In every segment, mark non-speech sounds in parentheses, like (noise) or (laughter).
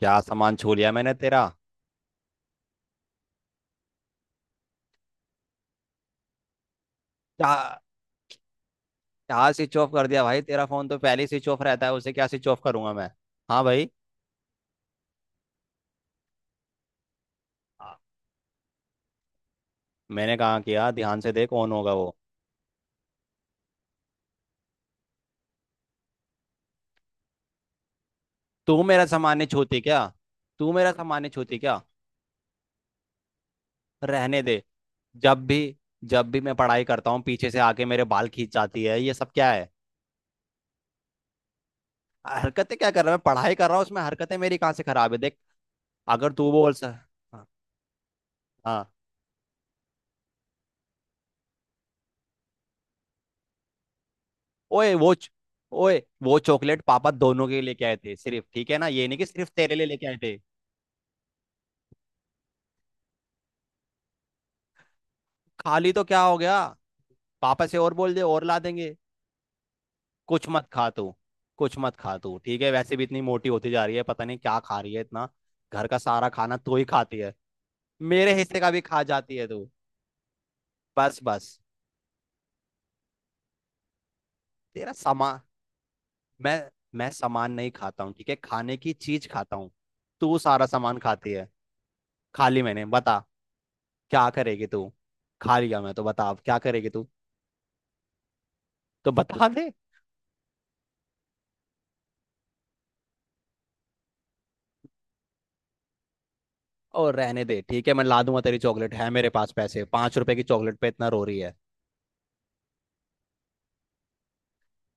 क्या सामान छू लिया मैंने तेरा? क्या? क्या स्विच ऑफ कर दिया भाई, तेरा फोन तो पहले ही स्विच ऑफ रहता है, उसे क्या स्विच ऑफ करूंगा मैं। हाँ भाई। आ- मैंने कहा किया, ध्यान से देख कौन होगा वो। तू मेरा सामान नहीं छूती क्या? तू मेरा सामान नहीं छूती क्या? रहने दे। जब भी जब भी मैं पढ़ाई करता हूँ पीछे से आके मेरे बाल खींच जाती है, ये सब क्या है? हरकतें क्या कर रहा है मैं, पढ़ाई कर रहा हूँ उसमें, हरकतें मेरी कहाँ से खराब है, देख। अगर तू बोल सर। हाँ। ओए वो च- ओए वो चॉकलेट पापा दोनों के लिए लेके आए थे सिर्फ, ठीक है ना, ये नहीं कि सिर्फ तेरे लिए लेके आए थे। खाली तो क्या हो गया? पापा से और बोल दे और ला देंगे। कुछ मत खा तू। कुछ मत खा तू, ठीक है, वैसे भी इतनी मोटी होती जा रही है, पता नहीं क्या खा रही है इतना। घर का सारा खाना तू ही खाती है। मेरे हिस्से का भी खा जाती है तू। बस बस। तेरा सामान। मैं मैं सामान नहीं खाता हूँ ठीक है, खाने की चीज खाता हूँ। तू सारा सामान खाती है। खा ली मैंने, बता क्या करेगी तू। खा लिया मैं तो बता, अब क्या करेगी तू। तो बता दे। और रहने दे, ठीक है, मैं ला दूंगा तेरी चॉकलेट, है मेरे पास पैसे, 5 रुपए की चॉकलेट पे इतना रो रही है।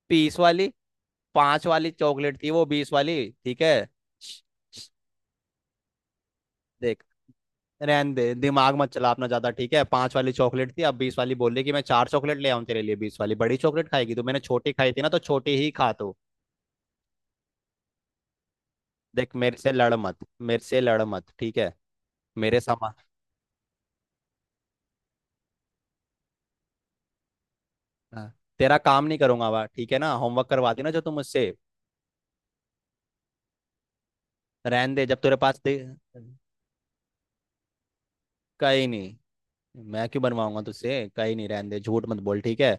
पीस वाली। पांच वाली चॉकलेट थी वो, 20 वाली? ठीक है। देख, रहने दे, दिमाग मत चला अपना ज्यादा, ठीक है, पांच वाली चॉकलेट थी अब 20 वाली बोल रही, कि मैं चार चॉकलेट ले आऊं तेरे लिए 20 वाली बड़ी चॉकलेट खाएगी तो, मैंने छोटी खाई थी ना तो छोटी ही खा तो। देख, मेरे से लड़ मत। मेरे से लड़ मत, ठीक है। मेरे सामान। हाँ। तेरा काम नहीं करूंगा बा, ठीक है ना, होमवर्क करवा देना जो तुम मुझसे। रहने दे जब तेरे पास दे। कहीं नहीं। मैं क्यों बनवाऊंगा तुझसे, कहीं नहीं, रहने दे, झूठ मत बोल ठीक है।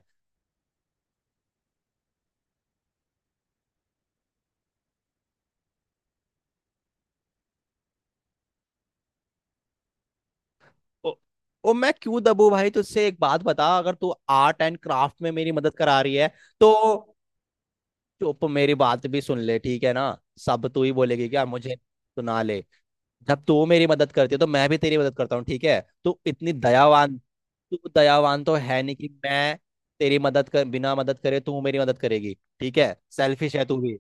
ओ, ओ मैं क्यों दबू भाई तुझसे, एक बात बता, अगर तू आर्ट एंड क्राफ्ट में मेरी मदद करा रही है तो, चुप, मेरी बात भी सुन ले ठीक है ना। सब तू ही बोलेगी क्या, मुझे सुना ले। जब तू मेरी मदद करती है तो मैं भी तेरी मदद करता हूँ ठीक है। तू इतनी दयावान। तू दयावान तो है नहीं, कि मैं तेरी मदद कर, बिना मदद करे तू मेरी मदद करेगी? ठीक है, सेल्फिश है तू भी।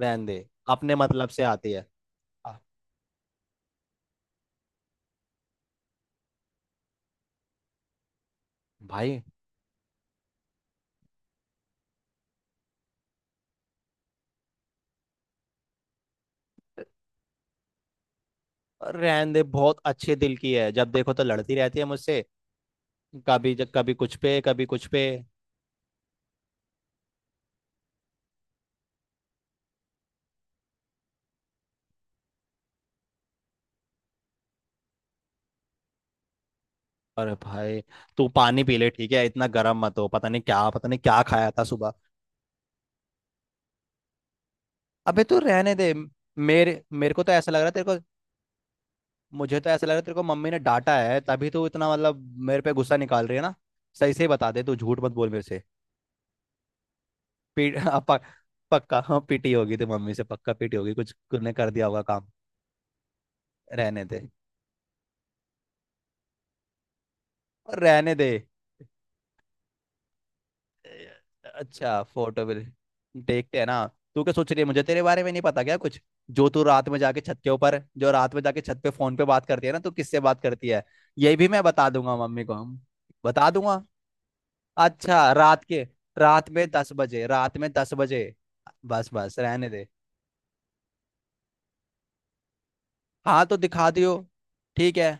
रहने दे, अपने मतलब से आती है। आ, भाई। रहन दे, बहुत अच्छे दिल की है, जब देखो तो लड़ती रहती है मुझसे, कभी जब कभी कुछ पे कभी कुछ पे। अरे भाई, तू पानी पी ले ठीक है, इतना गर्म मत हो, पता नहीं क्या खाया था सुबह। अबे तू रहने दे। मेरे मेरे को तो ऐसा लग रहा है तेरे को, मुझे तो ऐसा लग रहा है तेरे को मम्मी ने डांटा है, तभी तू इतना मतलब मेरे पे गुस्सा निकाल रही है ना। सही से ही बता दे तू, झूठ मत बोल मेरे से। (laughs) अब पक्का, हाँ, पीटी होगी तो मम्मी से पक्का, पीटी होगी, कुछ तूने कर दिया होगा काम। रहने दे, और रहने दे। ए, अच्छा, फोटो भी? देखते हैं ना, तू क्या सोच रही है, मुझे तेरे बारे में नहीं पता क्या कुछ। जो रात में जाके छत पे फोन पे बात करती है ना, तू किससे बात करती है? ये भी मैं बता दूंगा मम्मी को, हम बता दूंगा। अच्छा, रात के, रात में 10 बजे, रात में 10 बजे। बस बस, रहने दे। हाँ तो दिखा दियो ठीक है।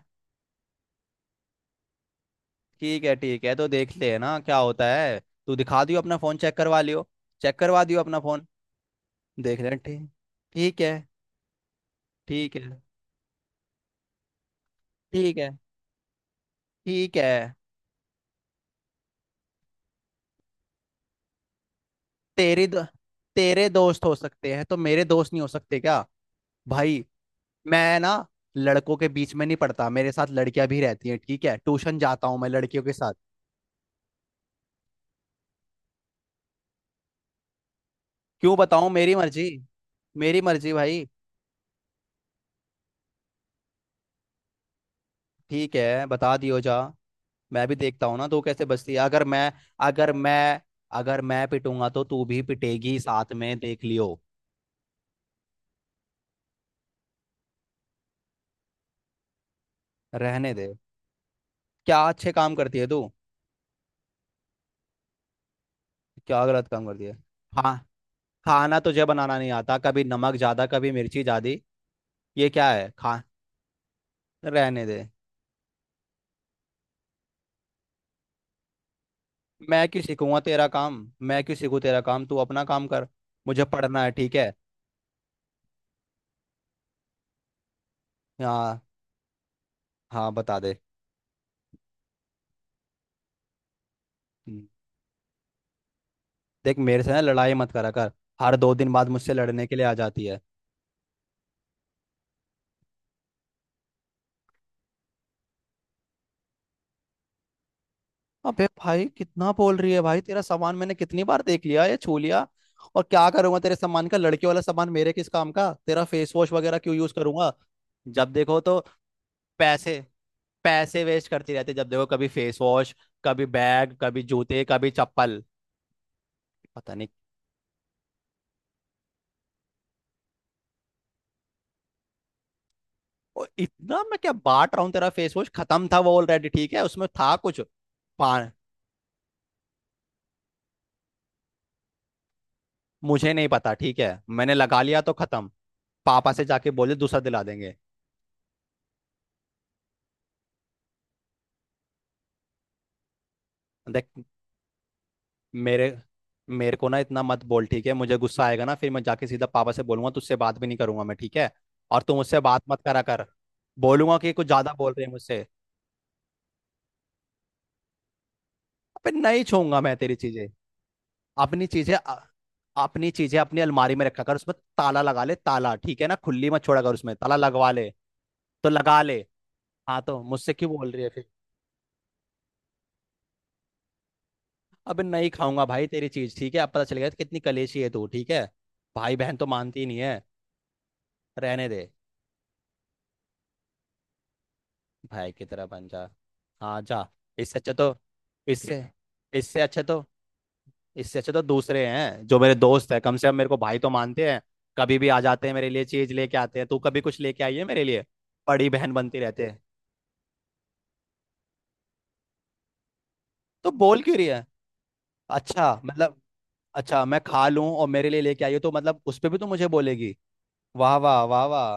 ठीक है ठीक है, तो देखते हैं ना क्या होता है। तू दिखा दियो अपना फोन, चेक करवा लियो। चेक करवा दियो अपना फोन, देख लें, ठीक। ठीक है ठीक है ठीक है ठीक है। तेरे दो, तेरे दोस्त हो सकते हैं तो मेरे दोस्त नहीं हो सकते क्या? भाई। मैं ना लड़कों के बीच में नहीं पढ़ता, मेरे साथ लड़कियां भी रहती हैं ठीक है, ट्यूशन जाता हूँ मैं लड़कियों के साथ। क्यों बताऊँ, मेरी मर्जी। मेरी मर्जी भाई। ठीक है, बता दियो जा। मैं भी देखता हूँ ना तू कैसे बचती है। अगर मैं अगर मैं पिटूंगा तो तू भी पिटेगी साथ में, देख लियो। रहने दे। क्या अच्छे काम करती है तू? क्या गलत काम करती है? हाँ, खाना तुझे बनाना नहीं आता, कभी नमक ज्यादा, कभी मिर्ची ज्यादा। ये क्या है, खा। रहने दे। मैं क्यों सीखूंगा तेरा काम मैं क्यों सीखूं तेरा काम, तू अपना काम कर। मुझे पढ़ना है ठीक है। हाँ हाँ, बता दे। हम्म, देख, मेरे से ना लड़ाई मत करा कर। हर 2 दिन बाद मुझसे लड़ने के लिए आ जाती है। अबे भाई कितना बोल रही है भाई, तेरा सामान मैंने कितनी बार देख लिया या छू लिया? और क्या करूंगा तेरे सामान का, लड़के वाला सामान मेरे किस काम का, तेरा फेस वॉश वगैरह क्यों यूज करूंगा? जब देखो तो पैसे पैसे वेस्ट करती रहती है, जब देखो कभी फेस वॉश, कभी बैग, कभी जूते, कभी चप्पल, पता नहीं। और इतना मैं क्या बांट रहा हूँ, तेरा फेस वॉश खत्म था वो ऑलरेडी ठीक है, उसमें था कुछ। पा मुझे नहीं पता ठीक है, मैंने लगा लिया तो खत्म। पापा से जाके बोले दूसरा दिला देंगे। देख, मेरे मेरे को ना इतना मत बोल ठीक है, मुझे गुस्सा आएगा ना, फिर मैं जाके सीधा पापा से बोलूंगा, तुझसे बात भी नहीं करूंगा मैं ठीक है। और तुम मुझसे बात मत करा कर। बोलूंगा कि कुछ ज्यादा बोल रहे हैं मुझसे। अबे नहीं छूंगा मैं तेरी चीजें। अपनी चीजें अ- अपनी चीजें अपनी अलमारी में रखा कर, उसमें ताला लगा ले ताला, ठीक है ना, खुली मत छोड़ा कर, उसमें ताला लगवा ले। तो लगा ले। हाँ, तो मुझसे क्यों बोल रही है फिर? अबे नहीं खाऊंगा भाई तेरी चीज ठीक है, अब पता चल गया कितनी कलेशी है तू, ठीक है। भाई बहन तो मानती ही नहीं है। रहने दे। भाई की तरह बन जा, हाँ जा। इससे अच्छा तो इससे इससे अच्छा तो इससे अच्छा तो दूसरे हैं जो मेरे दोस्त हैं, कम से कम मेरे को भाई तो मानते हैं, कभी भी आ जाते हैं मेरे लिए चीज लेके आते हैं, तू कभी कुछ लेके आई है मेरे लिए? बड़ी बहन बनती रहते हैं। तो बोल क्यों रही है? अच्छा मतलब, अच्छा, मैं खा लूं और मेरे लिए लेके आई हो तो मतलब उस पे भी तो मुझे बोलेगी? वाह वाह वाह वाह।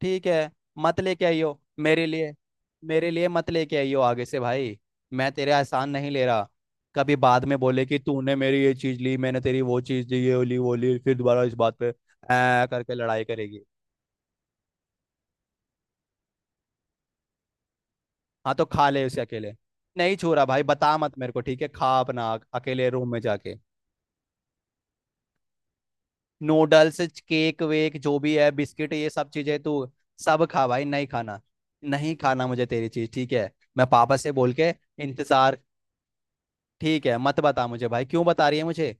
ठीक है, मत लेके आई हो मेरे लिए मेरे लिए मत लेके आई हो आगे से भाई, मैं तेरे एहसान नहीं ले रहा। कभी बाद में बोले कि तूने मेरी ये चीज ली, मैंने तेरी वो चीज दी, ये ली वो ली, फिर दोबारा इस बात पे ऐ करके लड़ाई करेगी। हाँ तो खा ले उसे अकेले नहीं छू रहा भाई, बता मत मेरे को ठीक है, खा अपना अकेले रूम में जाके। नूडल्स, केक वेक जो भी है, बिस्किट, ये सब चीजें तू सब खा भाई, नहीं खाना। नहीं खाना मुझे तेरी चीज ठीक है। मैं पापा से बोल के इंतजार। ठीक है, मत बता मुझे भाई, क्यों बता रही है मुझे?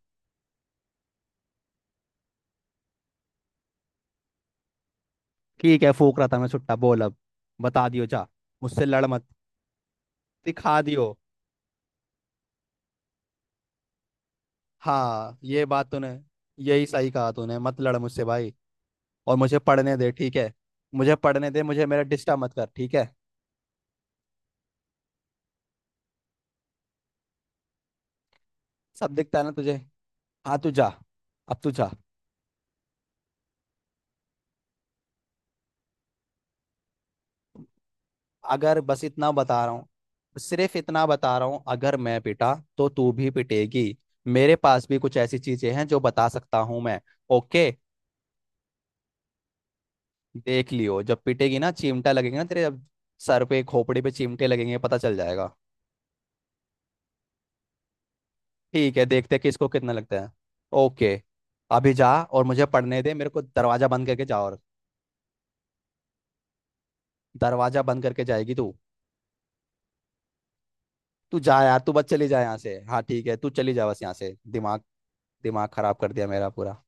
ठीक है, फूक रहा था मैं सुट्टा, बोल अब। बता दियो जा। मुझसे लड़ मत। दिखा दियो। हाँ, ये बात तूने यही सही कहा, तूने मत लड़ मुझसे भाई। और मुझे पढ़ने दे ठीक है। मुझे पढ़ने दे, मुझे मेरा डिस्टर्ब मत कर ठीक है। सब दिखता है ना तुझे? हाँ तू जा, अब तू जा। अगर बस इतना बता रहा हूँ, सिर्फ इतना बता रहा हूँ, अगर मैं पिटा तो तू भी पिटेगी, मेरे पास भी कुछ ऐसी चीजें हैं जो बता सकता हूँ मैं। ओके। देख लियो, जब पिटेगी ना चिमटा लगेगा ना तेरे, जब सर पे खोपड़ी पे चिमटे लगेंगे, पता चल जाएगा। ठीक है, देखते हैं किसको कितना लगता है। ओके। अभी जा और मुझे पढ़ने दे, मेरे को दरवाजा बंद करके जा, और दरवाजा बंद करके जाएगी तू? तू जा यार, तू बस चली जा यहाँ से, हाँ ठीक है, तू चली जा बस यहाँ से, दिमाग दिमाग खराब कर दिया मेरा पूरा।